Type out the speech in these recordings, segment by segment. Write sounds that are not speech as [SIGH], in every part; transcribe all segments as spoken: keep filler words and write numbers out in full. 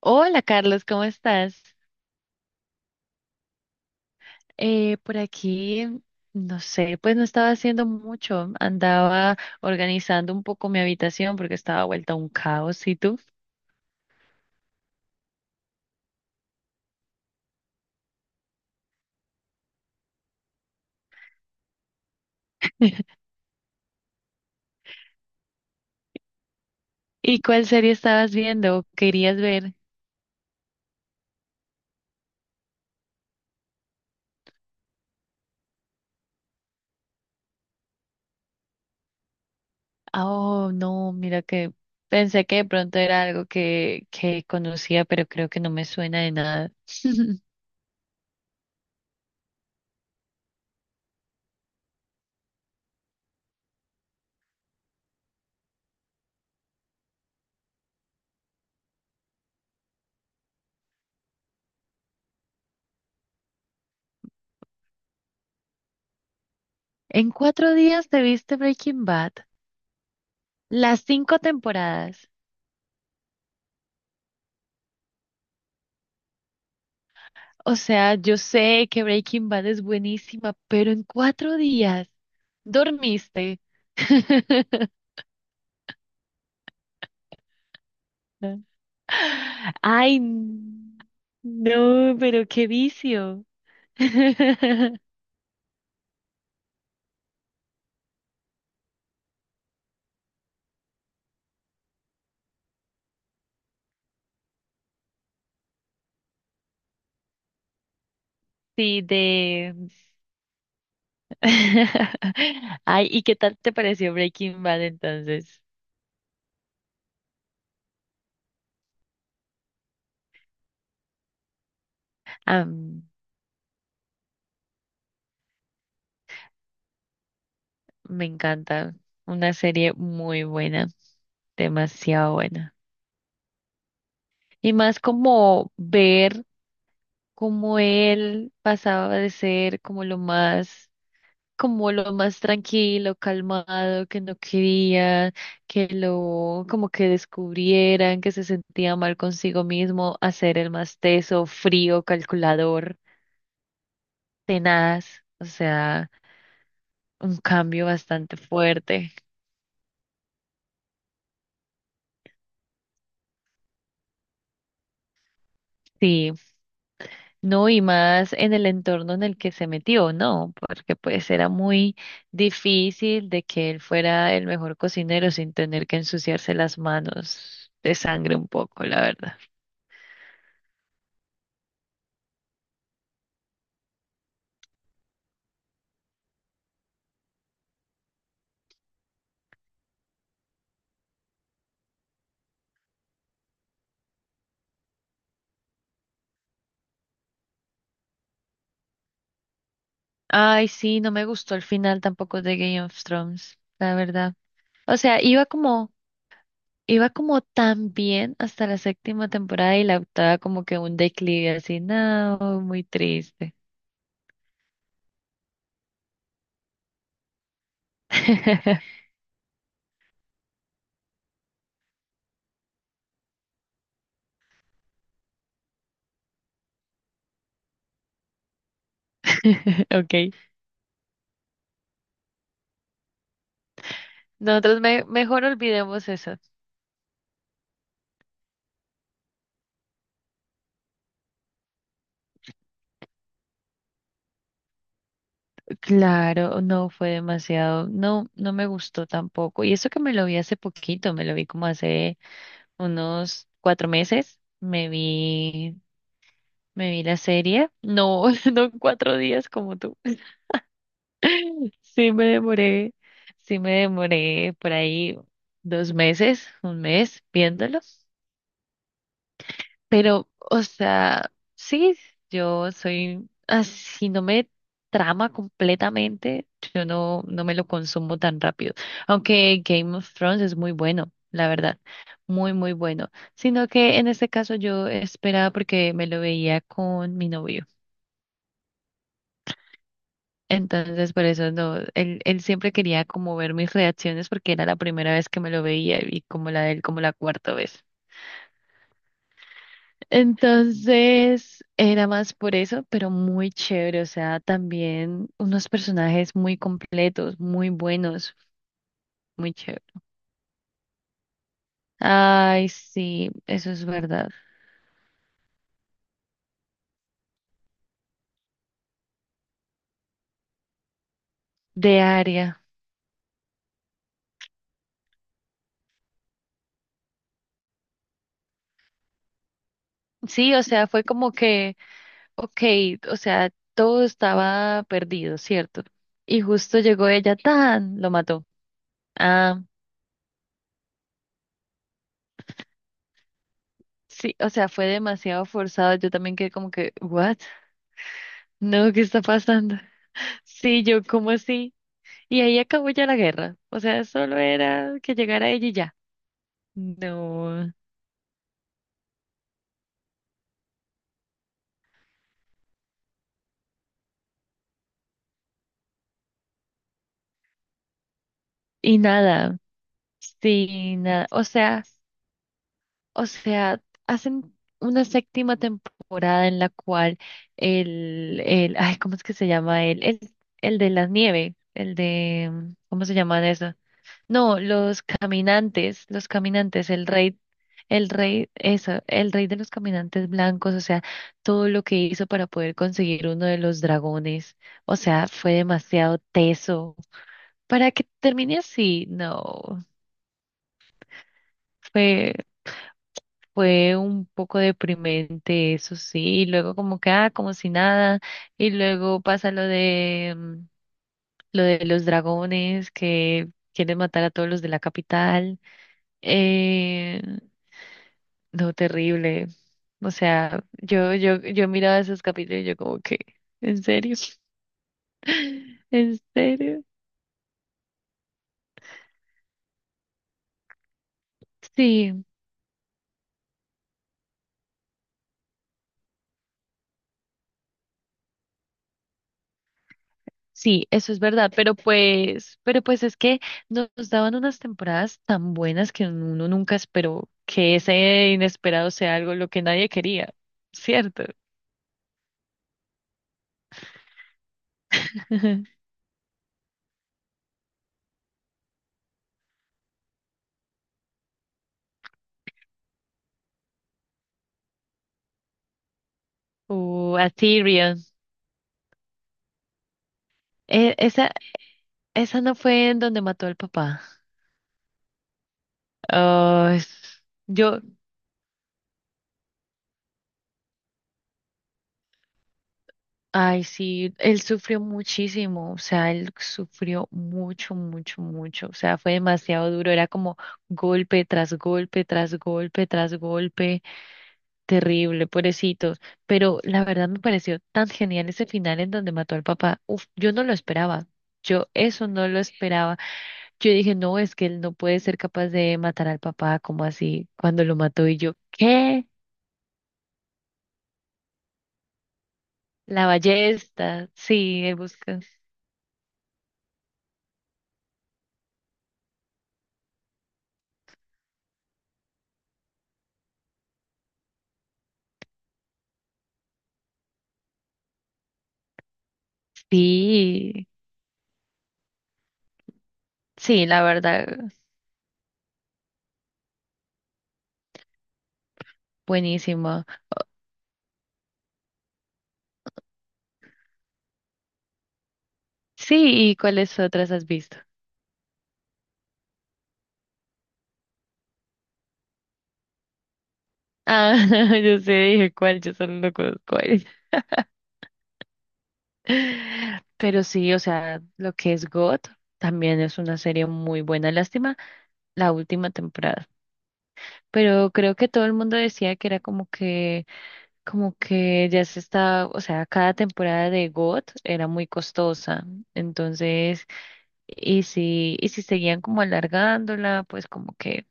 Hola Carlos, ¿cómo estás? Eh, por aquí, no sé, pues no estaba haciendo mucho, andaba organizando un poco mi habitación porque estaba vuelta un caos, ¿y tú? ¿Y cuál serie estabas viendo? ¿O querías ver? Ah, oh, no, mira que pensé que de pronto era algo que, que conocía, pero creo que no me suena de nada. [LAUGHS] ¿En cuatro días te viste Breaking Bad, las cinco temporadas? O sea, yo sé que Breaking Bad es buenísima, pero en cuatro días dormiste. [LAUGHS] Ay, n- no, pero qué vicio. [LAUGHS] Sí, de... [LAUGHS] Ay, ¿y qué tal te pareció Breaking Bad entonces? Ah, me encanta. Una serie muy buena, demasiado buena. Y más como ver como él pasaba de ser como lo más, como lo más tranquilo, calmado, que no quería que lo, como que descubrieran, que se sentía mal consigo mismo, a ser el más teso, frío, calculador, tenaz, o sea, un cambio bastante fuerte. Sí. No, y más en el entorno en el que se metió, ¿no? Porque pues era muy difícil de que él fuera el mejor cocinero sin tener que ensuciarse las manos de sangre un poco, la verdad. Ay, sí, no me gustó el final tampoco de Game of Thrones, la verdad. O sea, iba como, iba como tan bien hasta la séptima temporada, y la octava como que un declive así, no, muy triste. [LAUGHS] Ok. Nosotros me- mejor olvidemos eso. Claro, no fue demasiado, no, no me gustó tampoco. Y eso que me lo vi hace poquito, me lo vi como hace unos cuatro meses, me vi, me vi la serie, no, [LAUGHS] no cuatro días como tú. Sí me demoré, sí me demoré por ahí dos meses, un mes viéndolo. Pero, o sea, sí, yo soy así, no me trama completamente, yo no, no me lo consumo tan rápido. Aunque Game of Thrones es muy bueno, la verdad, muy, muy bueno. Sino que en este caso yo esperaba porque me lo veía con mi novio. Entonces, por eso no, él, él siempre quería como ver mis reacciones porque era la primera vez que me lo veía, y como la de él, como la cuarta vez. Entonces era más por eso, pero muy chévere. O sea, también unos personajes muy completos, muy buenos, muy chévere. Ay, sí, eso es verdad. De área. Sí, o sea, fue como que, ok, o sea, todo estaba perdido, ¿cierto? Y justo llegó ella, tan, lo mató. Ah, sí, o sea, fue demasiado forzado. Yo también quedé como que, ¿what? No, ¿qué está pasando? [LAUGHS] Sí, yo como así. Y ahí acabó ya la guerra. O sea, solo era que llegara ella y ya. No. Y nada. Sí, nada. O sea, o sea, hacen una séptima temporada en la cual el, el, ay, ¿cómo es que se llama él? El, el de la nieve, el de, ¿cómo se llama eso? No, los caminantes, los caminantes, el rey, el rey, eso, el rey de los caminantes blancos, o sea, todo lo que hizo para poder conseguir uno de los dragones, o sea, fue demasiado teso. Para que termine así, no, fue, fue un poco deprimente, eso sí, y luego como que, ah, como si nada, y luego pasa lo de, mm, lo de los dragones que quieren matar a todos los de la capital. Eh, No, terrible. O sea, yo, yo, yo miraba esos capítulos y yo como que, ¿en serio? [LAUGHS] ¿En serio? Sí, sí, eso es verdad. Pero pues, pero pues es que nos daban unas temporadas tan buenas que uno nunca esperó que ese inesperado sea algo lo que nadie quería, ¿cierto? [LAUGHS] O a Tyrion. E- esa, esa no fue en donde mató al papá. Ah, es- yo, Ay, sí, él sufrió muchísimo, o sea, él sufrió mucho, mucho, mucho, o sea, fue demasiado duro, era como golpe tras golpe, tras golpe, tras golpe, terrible, pobrecitos, pero la verdad me pareció tan genial ese final en donde mató al papá, uf, yo no lo esperaba, yo eso no lo esperaba, yo dije, no, es que él no puede ser capaz de matar al papá, como así, cuando lo mató y yo, ¿qué? La ballesta, sí, él busca, sí. Sí, la verdad, buenísimo. Sí, ¿y cuáles otras has visto? Ah, [LAUGHS] yo sé, dije cuál, yo solo no conozco él. [LAUGHS] Pero sí, o sea, lo que es God también es una serie muy buena. Lástima la última temporada. Pero creo que todo el mundo decía que era como que, como que ya se está, o sea, cada temporada de God era muy costosa. Entonces, y si, y si seguían como alargándola, pues como que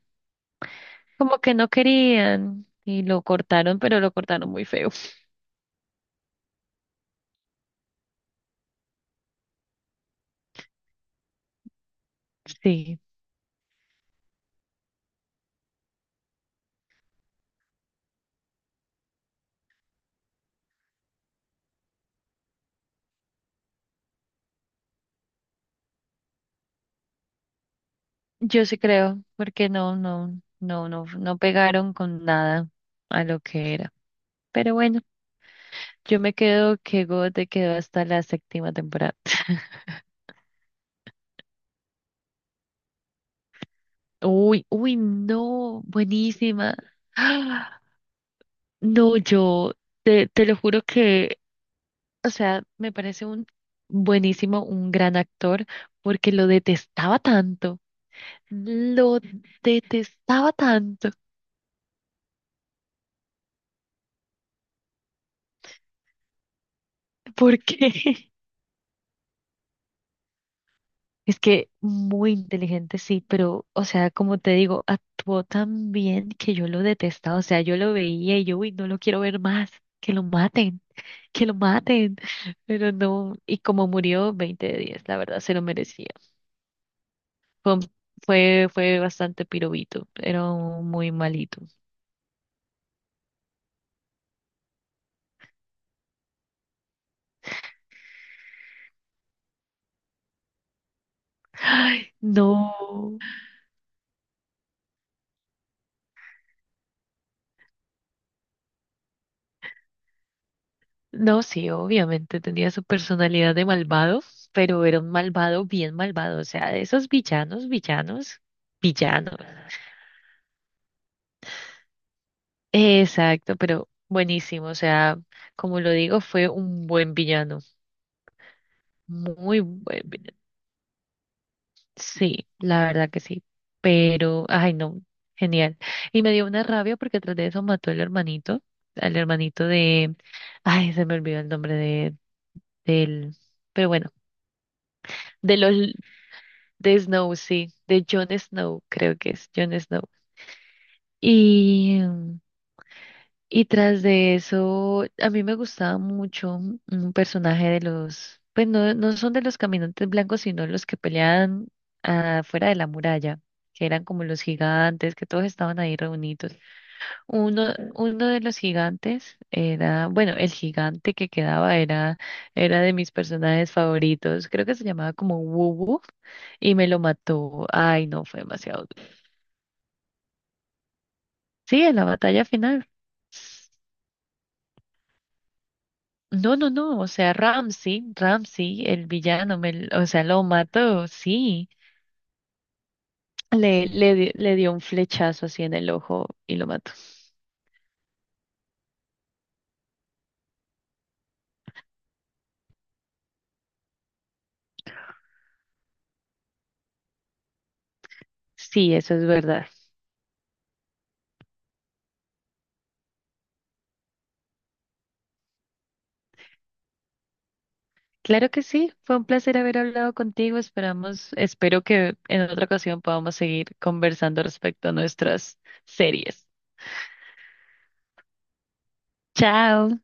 como que no querían y lo cortaron, pero lo cortaron muy feo. [LAUGHS] Sí, yo sí creo, porque no, no, no, no, no pegaron con nada a lo que era. Pero bueno, yo me quedo que God te quedó hasta la séptima temporada. [LAUGHS] Uy, uy, no, buenísima. [GASPS] ¡Ah! No, yo te, te lo juro que, o sea, me parece un buenísimo, un gran actor, porque lo detestaba tanto, lo detestaba tanto. Porque [LAUGHS] es que muy inteligente, sí, pero, o sea, como te digo, actuó tan bien que yo lo detestaba, o sea, yo lo veía y yo, uy, no lo quiero ver más, que lo maten, que lo maten, [LAUGHS] pero no, y como murió, veinte de diez la verdad, se lo merecía. Fue, un- fue, fue bastante pirobito, era un muy malito. Ay, no. No, sí, obviamente tenía su personalidad de malvado, pero era un malvado bien malvado, o sea, de esos villanos, villanos, villanos. Exacto, pero buenísimo, o sea, como lo digo, fue un buen villano, muy buen villano. Sí, la verdad que sí, pero, ay, no, genial. Y me dio una rabia porque tras de eso mató al hermanito, al hermanito de, ay, se me olvidó el nombre de, del, pero bueno, de los de Snow, sí, de Jon Snow, creo que es Jon Snow. Y, mm, y tras de eso, a mí me gustaba mucho un un personaje de los, pues no, no son de los caminantes blancos, sino los que peleaban afuera de la muralla, que eran como los gigantes, que todos estaban ahí reunidos. Uno, uno de los gigantes era, bueno, el gigante que quedaba era, era de mis personajes favoritos, creo que se llamaba como Wubu y me lo mató. Ay, no, fue demasiado. Sí, en la batalla final. No, no, no, o sea, Ramsey, Ramsey, el villano, me l- o sea, lo mató, sí. Le, le, di- le dio un flechazo así en el ojo y lo mató. Sí, eso es verdad. Claro que sí, fue un placer haber hablado contigo. Esperamos, espero que en otra ocasión podamos seguir conversando respecto a nuestras series. Chao.